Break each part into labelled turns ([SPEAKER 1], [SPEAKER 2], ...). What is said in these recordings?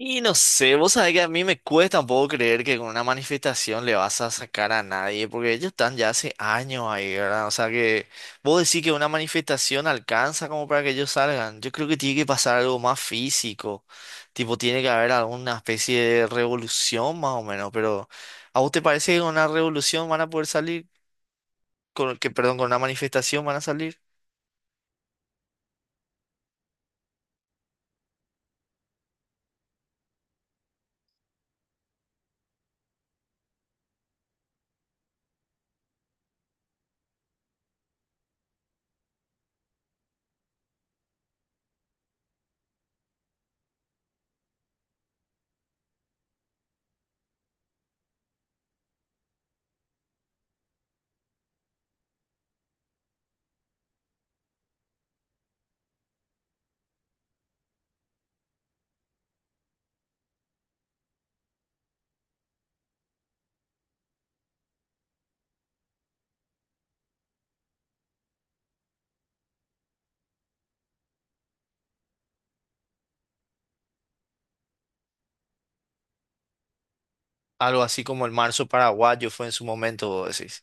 [SPEAKER 1] Y no sé, vos sabés que a mí me cuesta un poco creer que con una manifestación le vas a sacar a nadie, porque ellos están ya hace años ahí, ¿verdad? O sea que vos decís que una manifestación alcanza como para que ellos salgan. Yo creo que tiene que pasar algo más físico, tipo tiene que haber alguna especie de revolución más o menos, pero ¿a vos te parece que con una revolución van a poder salir? Con, que, perdón, ¿con una manifestación van a salir? Algo así como el marzo paraguayo fue en su momento, vos decís,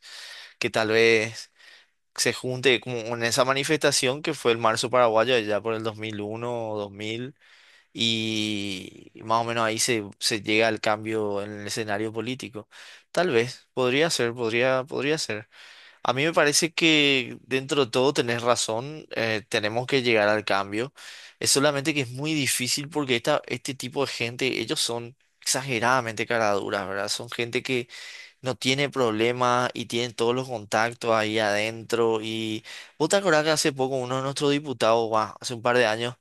[SPEAKER 1] que tal vez se junte como en esa manifestación que fue el marzo paraguayo allá por el 2001 o 2000, y más o menos ahí se llega al cambio en el escenario político. Tal vez, podría ser, podría ser. A mí me parece que dentro de todo tenés razón, tenemos que llegar al cambio. Es solamente que es muy difícil porque este tipo de gente, ellos son exageradamente caraduras, ¿verdad? Son gente que no tiene problema y tiene todos los contactos ahí adentro. Y vos te acordás que hace poco uno de nuestros diputados, guau, hace un par de años,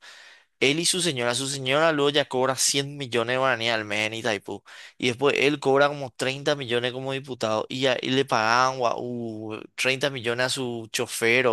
[SPEAKER 1] él y su señora luego ya cobra 100 millones de guaraníes al mes en Itaipú. Y después él cobra como 30 millones como diputado y le pagaban guau, 30 millones a su chofer,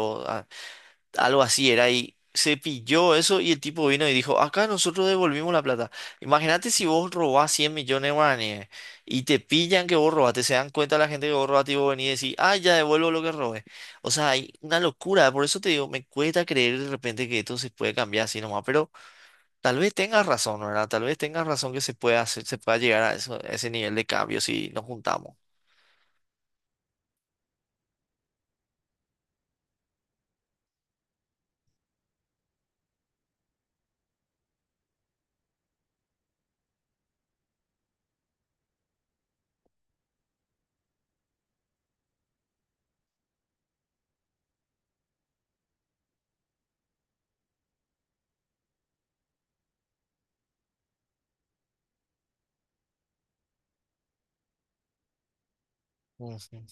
[SPEAKER 1] algo así era, y se pilló eso y el tipo vino y dijo, acá nosotros devolvimos la plata. Imagínate si vos robás 100 millones de guaraníes y te pillan que vos robaste, se dan cuenta la gente que vos robaste, y vos venís y decís, ah, ya devuelvo lo que robé. O sea, hay una locura, por eso te digo, me cuesta creer de repente que esto se puede cambiar así nomás, pero tal vez tengas razón, ¿verdad? Tal vez tengas razón que se pueda hacer, se pueda llegar a eso, a ese nivel de cambio si nos juntamos. Ujú.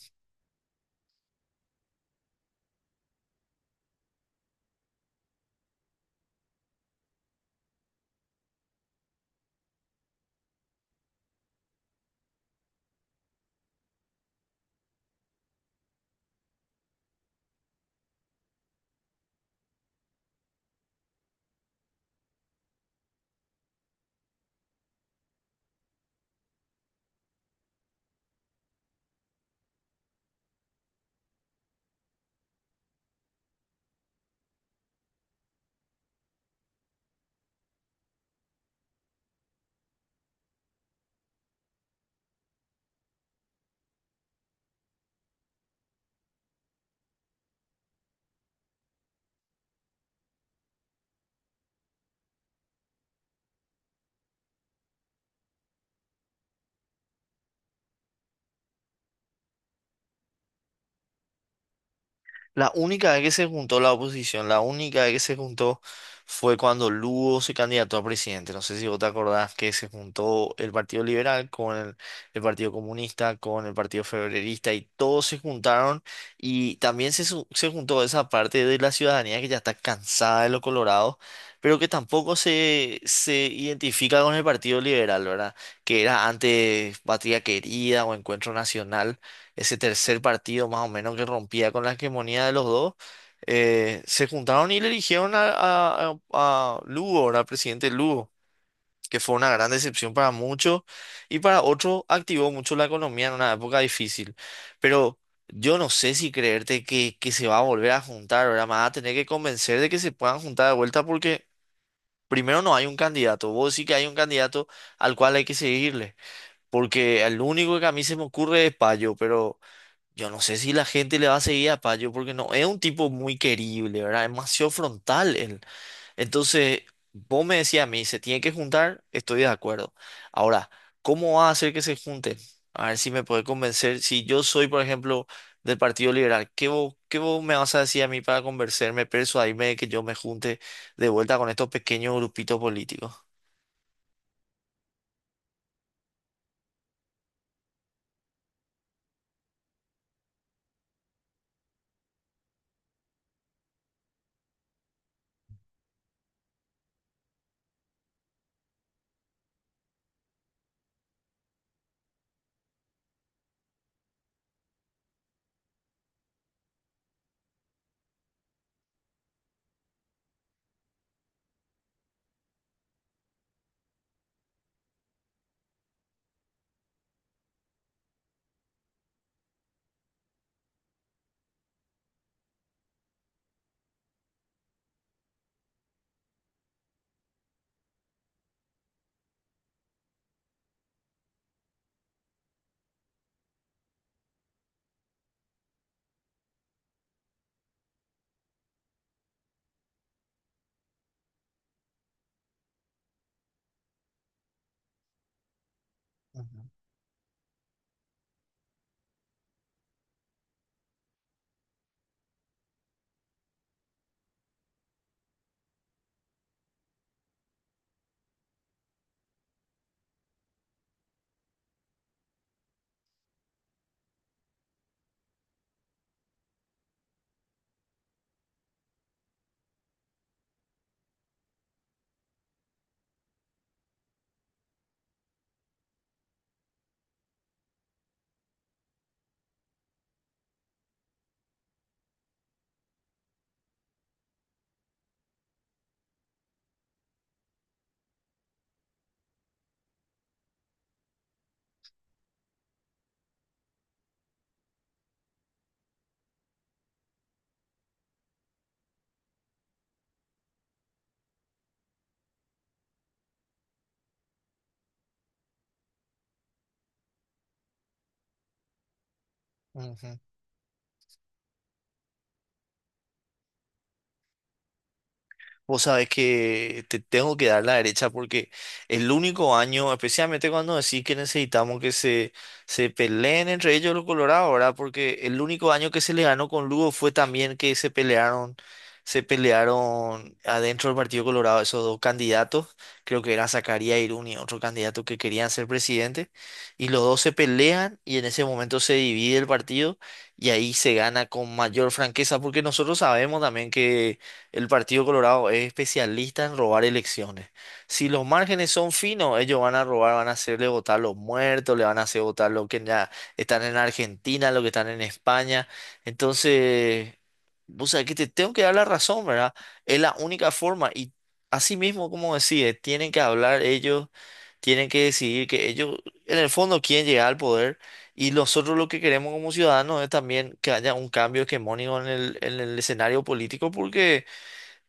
[SPEAKER 1] La única vez que se juntó la oposición, la única vez que se juntó fue cuando Lugo se candidató a presidente. No sé si vos te acordás que se juntó el Partido Liberal con el Partido Comunista, con el Partido Febrerista, y todos se juntaron, y también se juntó esa parte de la ciudadanía que ya está cansada de los colorados, pero que tampoco se identifica con el Partido Liberal, ¿verdad? Que era antes Patria Querida o Encuentro Nacional, ese tercer partido más o menos que rompía con la hegemonía de los dos, se juntaron y le eligieron a Lugo, ahora presidente Lugo, que fue una gran decepción para muchos y para otros activó mucho la economía en una época difícil. Pero yo no sé si creerte que se va a volver a juntar, ahora más a tener que convencer de que se puedan juntar de vuelta porque primero no hay un candidato, vos sí que hay un candidato al cual hay que seguirle, porque el único que a mí se me ocurre es Payo, pero yo no sé si la gente le va a seguir a Payo porque no es un tipo muy querible, ¿verdad? Es demasiado frontal él. Entonces, vos me decías a mí, se tiene que juntar, estoy de acuerdo. Ahora, ¿cómo va a hacer que se junten? A ver si me puede convencer. Si yo soy, por ejemplo, del Partido Liberal, ¿qué vos me vas a decir a mí para convencerme, persuadirme de que yo me junte de vuelta con estos pequeños grupitos políticos? Ujú, ujú. Vos sabés que te tengo que dar la derecha porque el único año, especialmente cuando decís que necesitamos que se peleen entre ellos los Colorados, ¿verdad? Porque el único año que se le ganó con Lugo fue también que se pelearon adentro del Partido Colorado esos dos candidatos, creo que era Zacarías Irún y otro candidato que querían ser presidente, y los dos se pelean y en ese momento se divide el partido, y ahí se gana con mayor franqueza porque nosotros sabemos también que el Partido Colorado es especialista en robar elecciones. Si los márgenes son finos, ellos van a robar, van a hacerle votar los muertos, le van a hacer votar los que ya están en Argentina, los que están en España. Entonces, o sea, que te tengo que dar la razón, ¿verdad? Es la única forma. Y así mismo, como decía, tienen que hablar ellos, tienen que decidir que ellos, en el fondo, quieren llegar al poder. Y nosotros lo que queremos como ciudadanos es también que haya un cambio hegemónico en en el escenario político, porque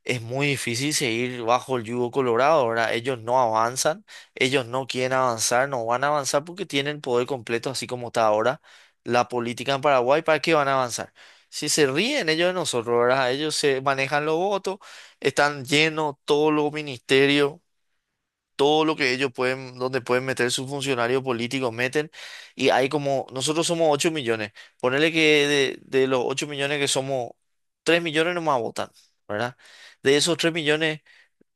[SPEAKER 1] es muy difícil seguir bajo el yugo colorado, ¿verdad? Ellos no avanzan, ellos no quieren avanzar, no van a avanzar porque tienen el poder completo, así como está ahora la política en Paraguay, ¿para qué van a avanzar? Si se ríen ellos de nosotros, ¿verdad? Ellos se manejan los votos, están llenos todos los ministerios, todo lo que ellos pueden, donde pueden meter sus funcionarios políticos, meten. Y hay como, nosotros somos 8 millones. Ponele que de los 8 millones que somos, 3 millones nomás votan, ¿verdad? De esos 3 millones,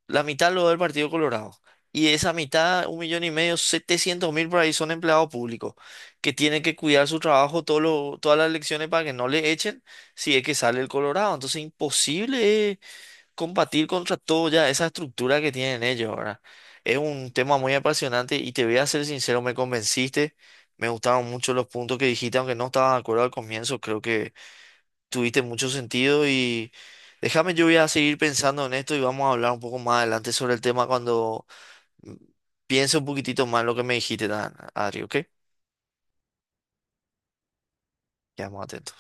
[SPEAKER 1] la mitad lo da el Partido Colorado. Y de esa mitad, un millón y medio, 700 mil por ahí, son empleados públicos que tienen que cuidar su trabajo todas las elecciones para que no le echen si es que sale el Colorado. Entonces, imposible es combatir contra toda esa estructura que tienen ellos, ¿verdad? Es un tema muy apasionante y te voy a ser sincero, me convenciste, me gustaron mucho los puntos que dijiste, aunque no estaba de acuerdo al comienzo, creo que tuviste mucho sentido, y déjame, yo voy a seguir pensando en esto y vamos a hablar un poco más adelante sobre el tema cuando mm, piense un poquitito más lo que me dijiste, Adri, ¿ok? Quedamos atentos.